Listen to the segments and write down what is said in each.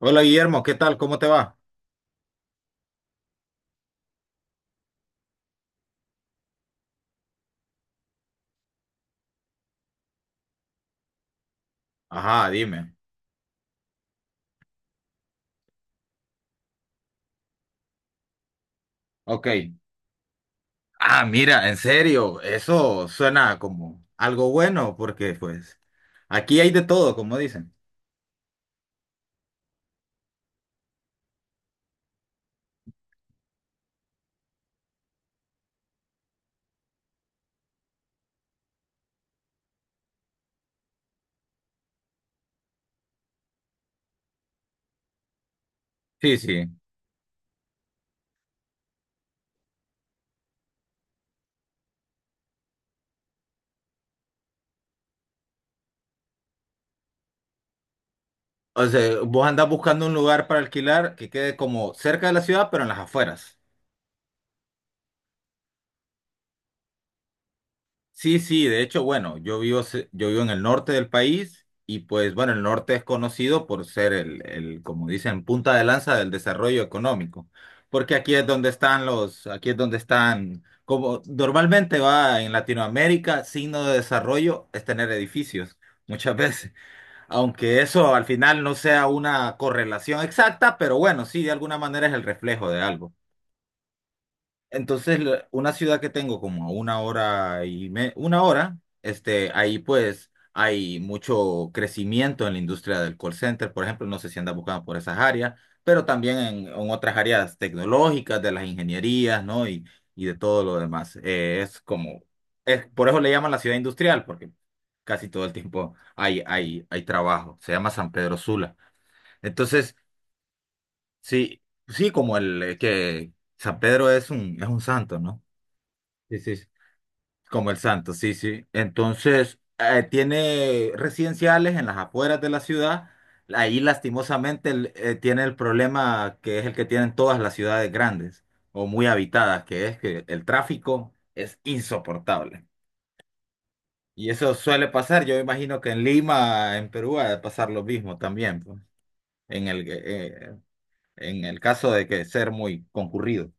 Hola Guillermo, ¿qué tal? ¿Cómo te va? Ajá, dime. Ok. Ah, mira, en serio, eso suena como algo bueno porque pues aquí hay de todo, como dicen. Sí, sí. O sea, vos andás buscando un lugar para alquilar que quede como cerca de la ciudad, pero en las afueras. Sí, sí, de hecho, bueno, yo vivo en el norte del país y pues bueno, el norte es conocido por ser como dicen, punta de lanza del desarrollo económico, porque aquí es donde están como normalmente va en Latinoamérica, signo de desarrollo es tener edificios, muchas veces, aunque eso al final no sea una correlación exacta, pero bueno, sí, de alguna manera es el reflejo de algo. Entonces, una ciudad que tengo como a una hora una hora, ahí pues hay mucho crecimiento en la industria del call center, por ejemplo, no sé si andas buscando por esas áreas, pero también en otras áreas tecnológicas, de las ingenierías, ¿no? Y de todo lo demás. Por eso le llaman la ciudad industrial, porque casi todo el tiempo hay trabajo. Se llama San Pedro Sula. Entonces, sí, sí, como el que San Pedro es un santo, ¿no? Sí, sí, sí. Como el santo, sí, sí. Entonces, tiene residenciales en las afueras de la ciudad. Ahí lastimosamente tiene el problema que es el que tienen todas las ciudades grandes o muy habitadas, que es que el tráfico es insoportable. Y eso suele pasar, yo imagino que en Lima, en Perú, ha de pasar lo mismo también, pues, en el, eh, en el caso de que ser muy concurrido.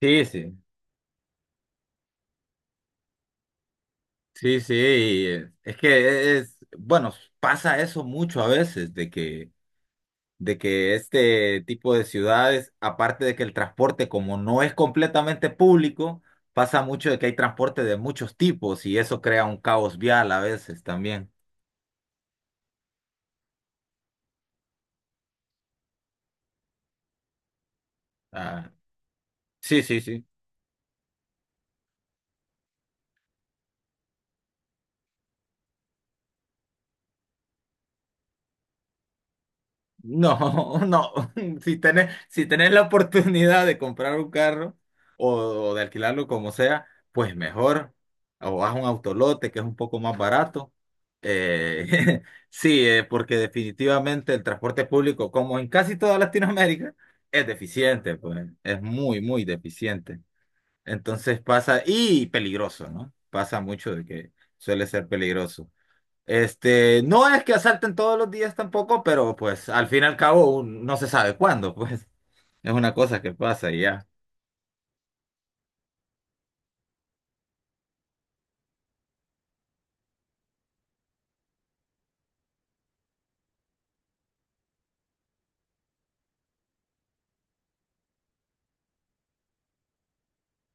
Sí, sí. Sí, sí, bueno, pasa eso mucho a veces, de que este tipo de ciudades, aparte de que el transporte, como no es completamente público, pasa mucho de que hay transporte de muchos tipos y eso crea un caos vial a veces también. Ah, sí, sí, sí. No, no. Si tenés la oportunidad de comprar un carro o, o de alquilarlo como sea, pues mejor. O vas a un autolote que es un poco más barato. Eh, sí, porque definitivamente el transporte público, como en casi toda Latinoamérica, es deficiente, pues es muy, muy deficiente. Entonces pasa, y peligroso, ¿no? Pasa mucho de que suele ser peligroso. Este, no es que asalten todos los días tampoco, pero pues al fin y al cabo no se sabe cuándo, pues es una cosa que pasa y ya.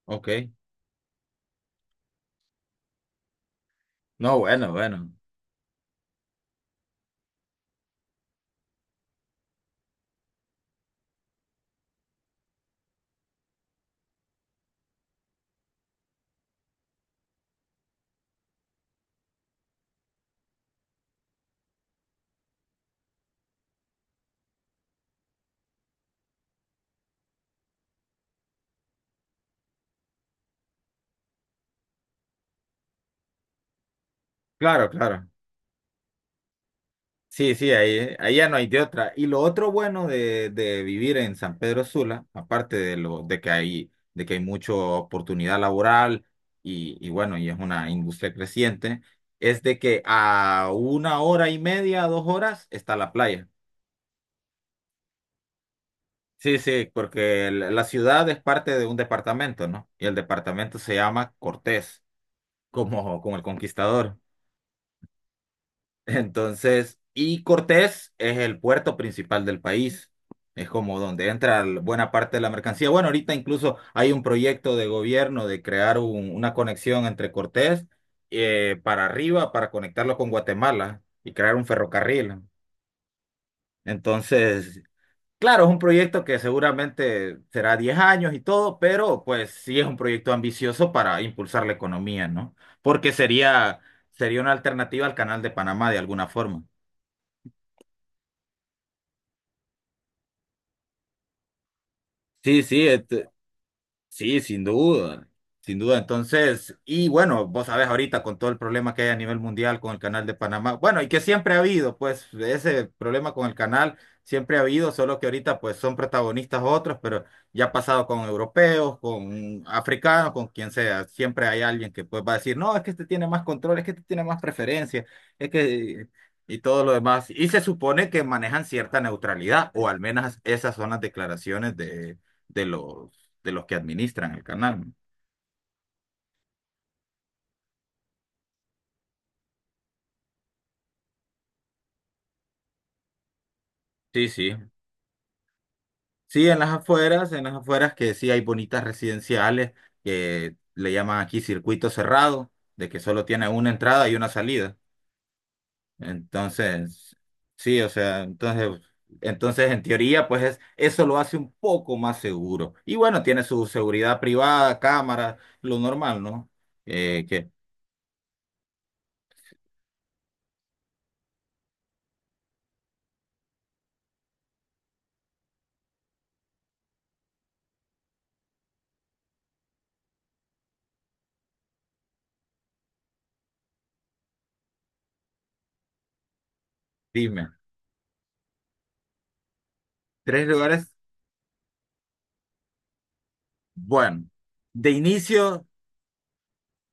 Ok. No, bueno, bueno. Claro, claro. Sí, sí, ahí ya no hay de otra. Y lo otro bueno de vivir en San Pedro Sula, aparte de lo de que hay mucha oportunidad laboral y bueno, y es una industria creciente, es de que a una hora y media, 2 horas está la playa. Sí, sí, porque la ciudad es parte de un departamento, ¿no? Y el departamento se llama Cortés, como el conquistador. Entonces, y Cortés es el puerto principal del país. Es como donde entra buena parte de la mercancía. Bueno, ahorita incluso hay un proyecto de gobierno de crear una conexión entre Cortés para arriba, para conectarlo con Guatemala y crear un ferrocarril. Entonces, claro, es un proyecto que seguramente será 10 años y todo, pero pues sí es un proyecto ambicioso para impulsar la economía, ¿no? Porque sería una alternativa al Canal de Panamá de alguna forma. Sí, sí, sí, sin duda, sin duda. Entonces, y bueno, vos sabés ahorita con todo el problema que hay a nivel mundial con el canal de Panamá, bueno, y que siempre ha habido, pues ese problema con el canal siempre ha habido, solo que ahorita pues son protagonistas otros, pero ya ha pasado con europeos, con africanos, con quien sea, siempre hay alguien que pues va a decir, no, es que este tiene más control, es que este tiene más preferencia, es que... y todo lo demás. Y se supone que manejan cierta neutralidad, o al menos esas son las declaraciones de... de los de los que administran el canal. Sí, sí. Sí, en las afueras que sí hay bonitas residenciales que le llaman aquí circuito cerrado, de que solo tiene una entrada y una salida. Entonces, sí, o sea, entonces, en teoría, pues eso lo hace un poco más seguro. Y bueno, tiene su seguridad privada, cámaras, lo normal, ¿no? Eh, que, dime, tres lugares, bueno, de inicio.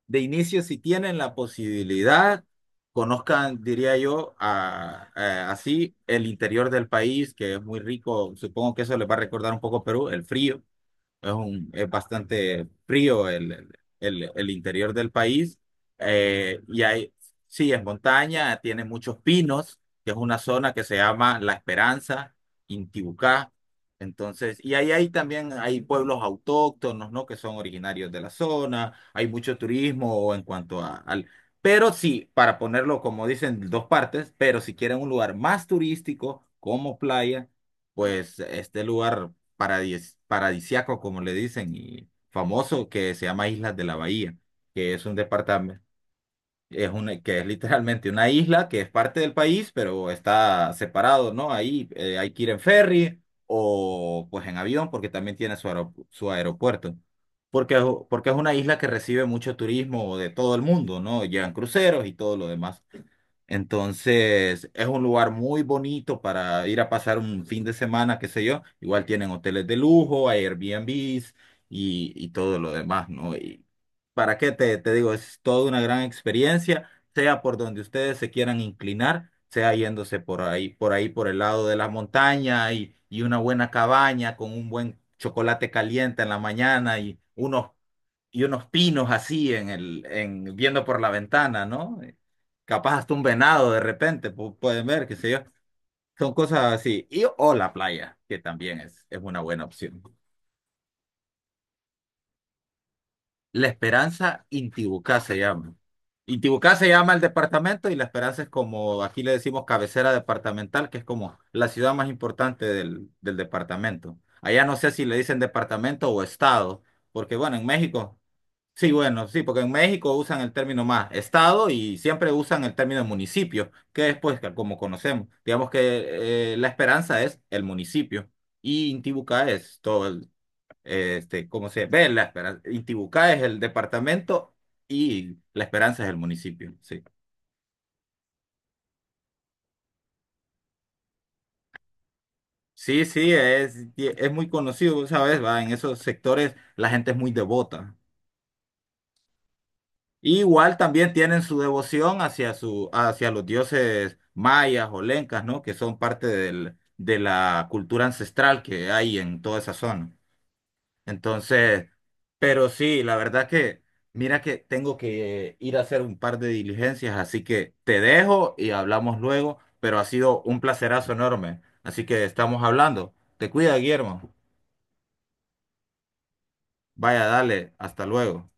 de inicio, si tienen la posibilidad, conozcan, diría yo, así el interior del país, que es muy rico. Supongo que eso les va a recordar un poco Perú, el frío. Es bastante frío el interior del país. eh, y hay, sí, es montaña, tiene muchos pinos, que es una zona que se llama La Esperanza, Intibucá. Entonces, y ahí hay también hay pueblos autóctonos, ¿no? Que son originarios de la zona, hay mucho turismo en cuanto a, al... Pero sí, para ponerlo, como dicen, dos partes, pero si quieren un lugar más turístico, como playa, pues este lugar paradisiaco, como le dicen, y famoso que se llama Islas de la Bahía, que es un departamento, que es literalmente una isla que es parte del país, pero está separado, ¿no? Ahí hay que ir en ferry o pues en avión, porque también tiene su aeropuerto. Porque, porque es una isla que recibe mucho turismo de todo el mundo, ¿no? Llegan cruceros y todo lo demás. Entonces, es un lugar muy bonito para ir a pasar un fin de semana, qué sé yo. Igual tienen hoteles de lujo, Airbnbs y todo lo demás, ¿no? Y para qué te digo, es toda una gran experiencia, sea por donde ustedes se quieran inclinar, sea yéndose por ahí, por ahí, por el lado de la montaña y una buena cabaña con un buen chocolate caliente en la mañana y unos pinos así en, viendo por la ventana, ¿no? Capaz hasta un venado de repente, pueden ver, qué sé yo. Son cosas así. Y o la playa, que también es una buena opción. La Esperanza Intibucá se llama. Intibucá se llama el departamento y La Esperanza es como, aquí le decimos cabecera departamental, que es como la ciudad más importante del departamento. Allá no sé si le dicen departamento o estado, porque bueno, en México. Sí, bueno, sí, porque en México usan el término más estado y siempre usan el término municipio, que después, que como conocemos, digamos que La Esperanza es el municipio y Intibucá es todo ¿cómo se ve La Esperanza? Intibucá es el departamento y La Esperanza es el municipio, sí. Sí, sí, es muy conocido, ¿sabes? Va, en esos sectores la gente es muy devota. Igual también tienen su devoción hacia los dioses mayas o lencas, ¿no? Que son parte de la cultura ancestral que hay en toda esa zona. Entonces, pero sí, mira que tengo que ir a hacer un par de diligencias, así que te dejo y hablamos luego, pero ha sido un placerazo enorme. Así que estamos hablando. Te cuida, Guillermo. Vaya, dale, hasta luego.